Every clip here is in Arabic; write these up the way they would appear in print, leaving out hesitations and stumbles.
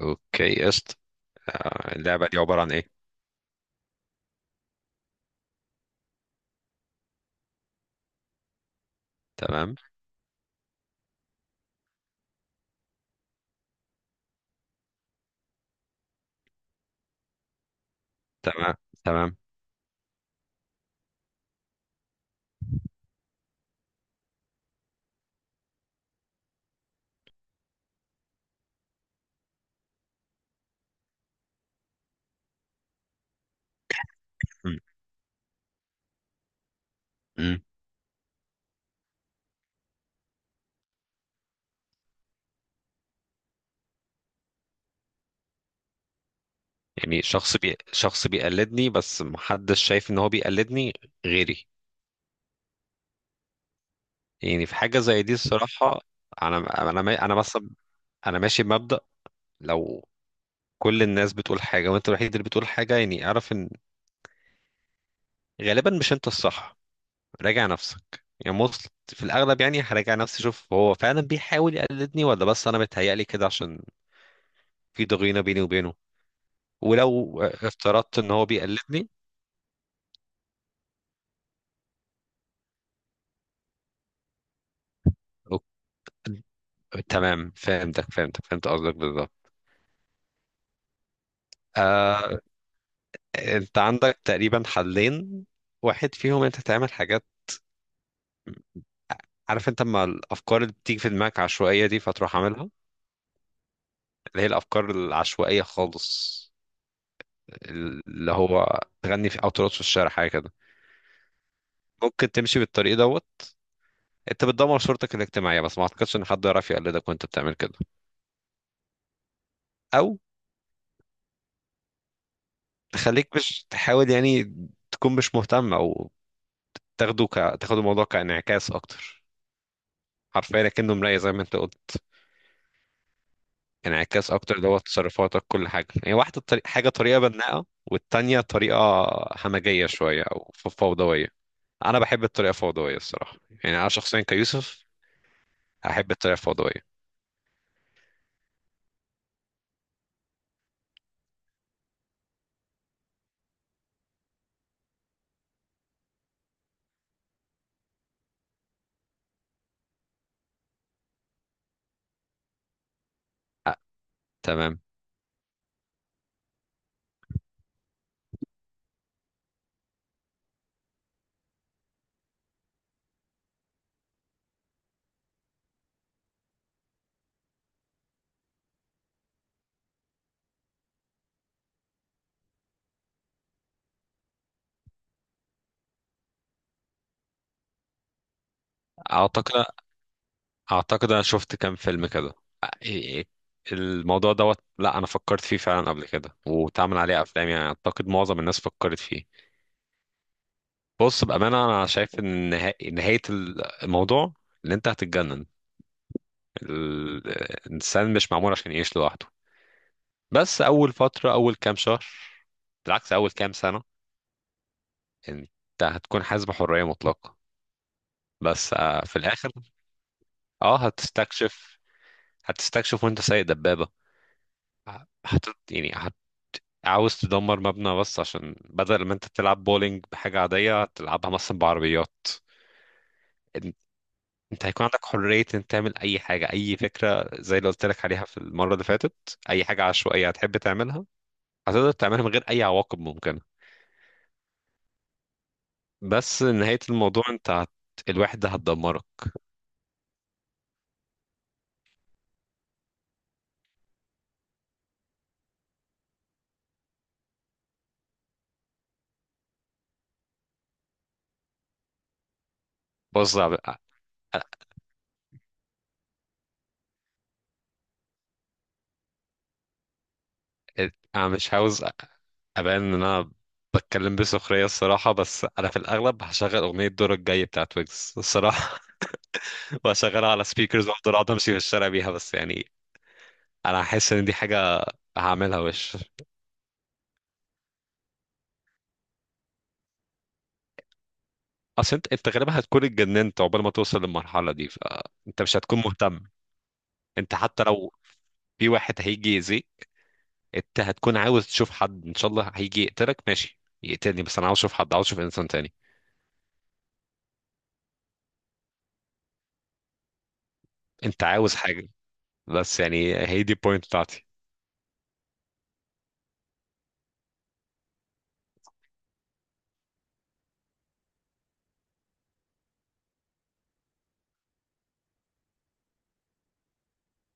اوكي قشط. اللعبة دي عبارة عن ايه؟ تمام. تمام. تمام. مم. مم. يعني شخص بيقلدني بس محدش شايف ان هو بيقلدني غيري. يعني في حاجة زي دي، الصراحة انا انا ما- انا مثلا انا ماشي بمبدأ. لو كل الناس بتقول حاجة وانت الوحيد اللي بتقول حاجة، يعني اعرف ان غالبا مش انت الصح، راجع نفسك. يعني في الاغلب، يعني هراجع نفسي اشوف هو فعلا بيحاول يقلدني ولا بس انا متهيألي كده عشان في ضغينة بيني وبينه. ولو افترضت ان هو بيقلدني. أوك- تمام فهمت قصدك بالظبط. آه، انت عندك تقريبا حلين. واحد فيهم انت تعمل حاجات، عارف انت اما الافكار اللي بتيجي في دماغك عشوائيه دي، فتروح عاملها، اللي هي الافكار العشوائيه خالص، اللي هو تغني في او ترقص في الشارع، حاجه كده. ممكن تمشي بالطريق دوت، انت بتدمر صورتك الاجتماعيه، بس ما اعتقدش ان حد يعرف يقلدك وانت بتعمل كده. او تخليك مش تحاول، يعني تكون مش مهتم. او تاخده ك... تاخد الموضوع كانعكاس اكتر، حرفيا كأنه مراية زي ما انت قلت. انعكاس اكتر، اللي هو تصرفاتك كل حاجة، يعني واحدة حاجة، طريقة بناءة، والتانية طريقة همجية شوية او فوضوية. انا بحب الطريقة الفوضوية الصراحة، يعني انا شخصيا كيوسف احب الطريقة الفوضوية. أ- تمام. اعتقد اعتقد انا شفت كام فيلم كده. أ- إيه- الموضوع دوت، لا انا فكرت فيه فعلا قبل كده واتعمل عليه افلام، يعني اعتقد معظم الناس فكرت فيه. بص بأمانة، أنا شايف إن نهاية الموضوع إن أنت هتتجنن. ال- الإنسان مش معمول عشان يعيش لوحده. بس أول فترة، أول كام شهر، بالعكس أول كام سنة، أنت هتكون حاسس بحرية مطلقة، بس في الآخر. أه هتستكشف. هتستكشف وأنت سايق دبابة. هت يعني هت عاوز تدمر مبنى، بس عشان بدل ما أنت تلعب بولينج بحاجة عادية، هتلعبها مثلا بعربيات. انت هيكون عندك حرية ان تعمل اي حاجة، اي فكرة، زي اللي قلت لك عليها في المرة اللي فاتت، اي حاجة عشوائية هتحب تعملها هتقدر تعملها من غير اي عواقب ممكنة. بس نهاية الموضوع انت الوحدة هتدمرك. بص يا عب- أ- انا مش عاوز ابان ان انا بتكلم بسخرية الصراحة، بس انا في الاغلب هشغل اغنية دورك الجاي بتاعت ويجز الصراحة. وهشغلها على سبيكرز وافضل اقعد امشي في الشارع بيها، بس يعني انا هحس ان دي حاجة هعملها وش. اصل انت غالبا هتكون اتجننت عقبال ما توصل للمرحله دي، فانت مش هتكون مهتم. انت حتى لو في واحد هيجي يأذيك، انت هتكون عاوز تشوف حد، ان شاء الله هيجي يقتلك، ماشي يقتلني، بس انا عاوز اشوف حد، عاوز اشوف انسان تاني. انت عاوز حاجه، بس يعني هي دي البوينت بتاعتي.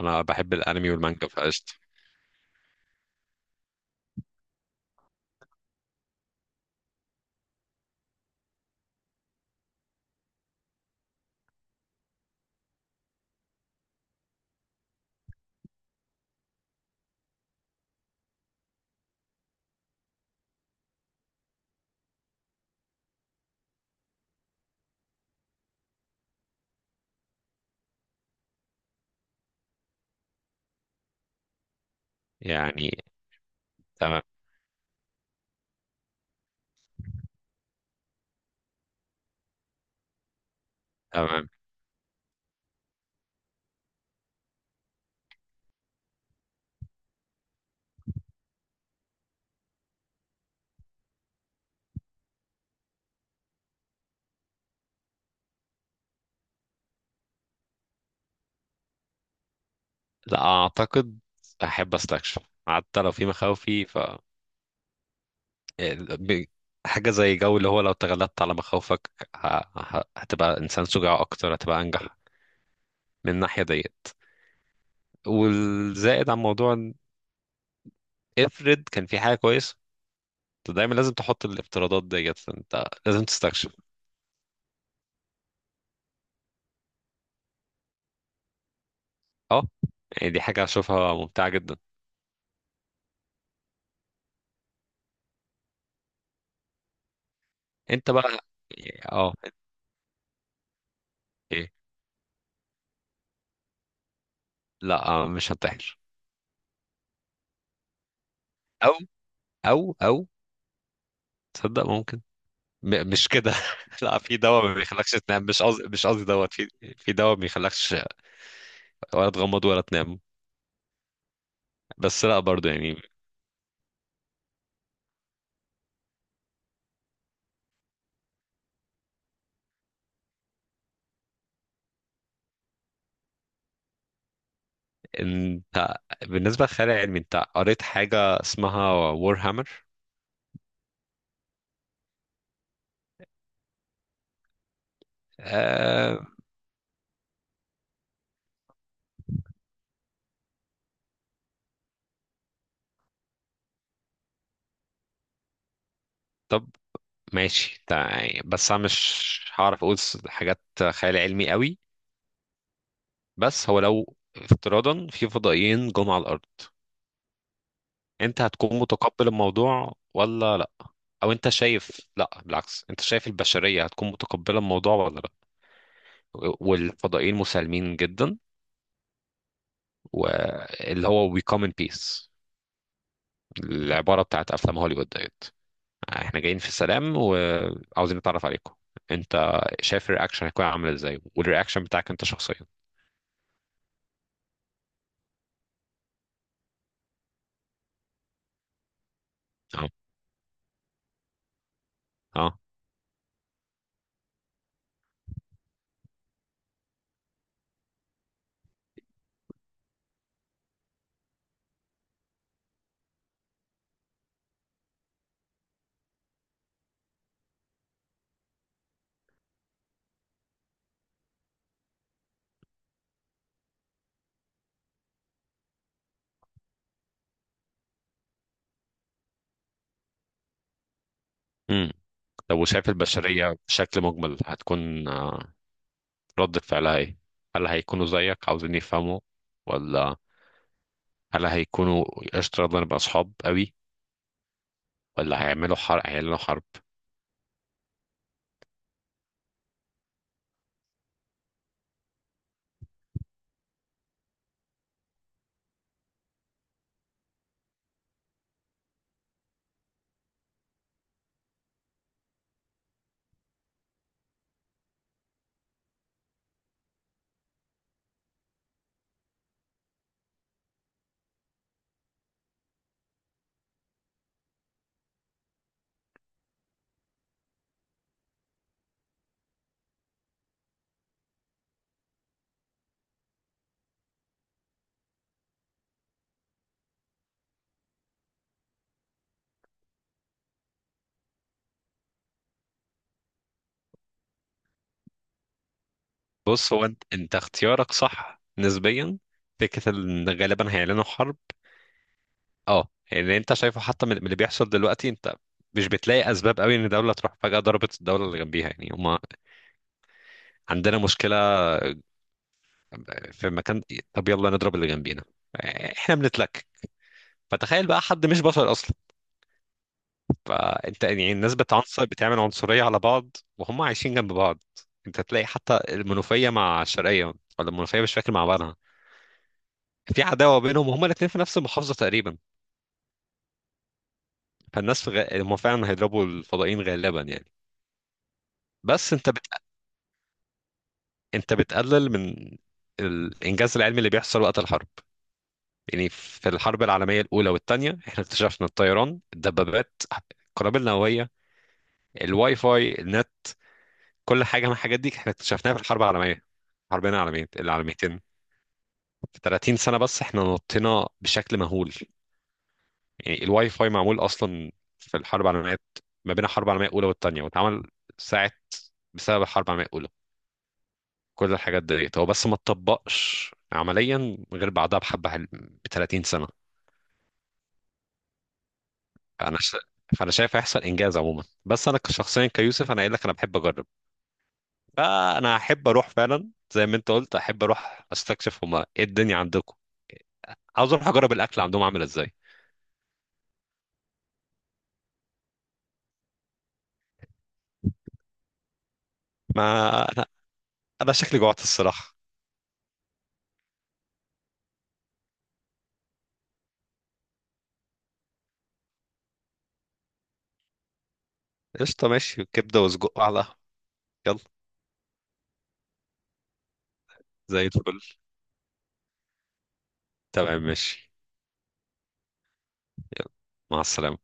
انا بحب الانمي والمانجا فقشطه. يعني تمام، تمام. لا اعتقد، احب استكشف حتى لو في مخاوفي. ب- حاجة زي جو، اللي هو لو تغلبت على مخاوفك، ه- هتبقى إنسان شجاع أكتر، هتبقى أنجح من الناحية ديت. والزائد عن موضوع إن افرض كان في حاجة كويسة، أنت دايما لازم تحط الافتراضات ديت، أنت لازم تستكشف. أه، يعني دي حاجة أشوفها ممتعة جدا. أنت بقى. أه. إيه. لا مش هنتحر. أو أو أو تصدق ممكن، مش كده. لا، في دواء ما بيخلكش تنام، مش قصدي دوت. في دواء ما بيخلكش ولا تغمض ولا تنام. بس لا، برضو يعني. انت بالنسبة للخيال العلمي، انت قريت حاجة اسمها وور هامر؟ آه. طب ماشي يعني بس انا مش هعرف اقول حاجات خيال علمي قوي. بس هو لو افتراضا في فضائيين جم على الارض، انت هتكون متقبل الموضوع ولا لا؟ او انت شايف، لا بالعكس، انت شايف البشرية هتكون متقبلة الموضوع ولا لا؟ والفضائيين مسالمين جدا، واللي هو we come in peace، العبارة بتاعت افلام هوليوود ديت، احنا جايين في السلام وعاوزين نتعرف عليكم. انت شايف الرياكشن هيكون عامل ازاي، والرياكشن بتاعك انت شخصيا؟ اه. اه. امم طب، وشايف البشرية بشكل مجمل هتكون ردة فعلها ايه؟ هل هيكونوا زيك عاوزين يفهموا؟ ولا هل هيكونوا قشطة يلا نبقى أصحاب قوي؟ ولا هيعملوا حرب، هيعلنوا حرب؟ بص، هو أنت اختيارك صح نسبيا. فكرة إن غالبا هيعلنوا حرب، أه، يعني أنت شايفه حتى من اللي بيحصل دلوقتي. أنت مش بتلاقي أسباب قوي إن دولة تروح فجأة ضربت الدولة اللي جنبيها؟ يعني هما عندنا مشكلة في مكان، طب يلا نضرب اللي جنبينا، إحنا بنتلك. فتخيل بقى حد مش بشر أصلا. فانت يعني الناس بتعنصر، بتعمل عنصرية على بعض وهم عايشين جنب بعض. انت تلاقي حتى المنوفية مع الشرقية، ولا المنوفية مش فاكر مع بعضها، في عداوة بينهم وهما الاتنين في نفس المحافظة تقريبا. فالناس في هم فعلا هيضربوا الفضائيين غالبا، يعني بس انت انت بتقلل من الانجاز العلمي اللي بيحصل وقت الحرب. يعني في الحرب العالمية الأولى والثانية احنا اكتشفنا الطيران، الدبابات، القنابل النووية، الواي فاي، النت، كل حاجة من الحاجات دي احنا اكتشفناها في الحرب العالمية، الحربين العالمية العالميتين. في 30 سنة بس احنا نطينا بشكل مهول. يعني الواي فاي معمول أصلا في الحرب العالمية، ما بين الحرب العالمية الأولى والتانية، واتعمل ساعة بسبب الحرب العالمية الأولى. كل الحاجات ديت هو بس ما اتطبقش عمليا غير بعدها بحبة، ب 30 سنة. فأنا ش... فأنا شايف هيحصل إنجاز عموما. بس أنا شخصيا كيوسف، أنا قايل لك أنا بحب أجرب. فأنا أحب أروح فعلا زي ما أنت قلت، أحب أروح أستكشف هما إيه الدنيا عندكم، عاوز أروح أجرب الأكل عندهم عامل إزاي. ما أنا أنا شكلي جوعت الصراحة. قشطة ماشي، كبدة وسجق على. يلا. زي الفل، تمام ماشي. مع السلامة.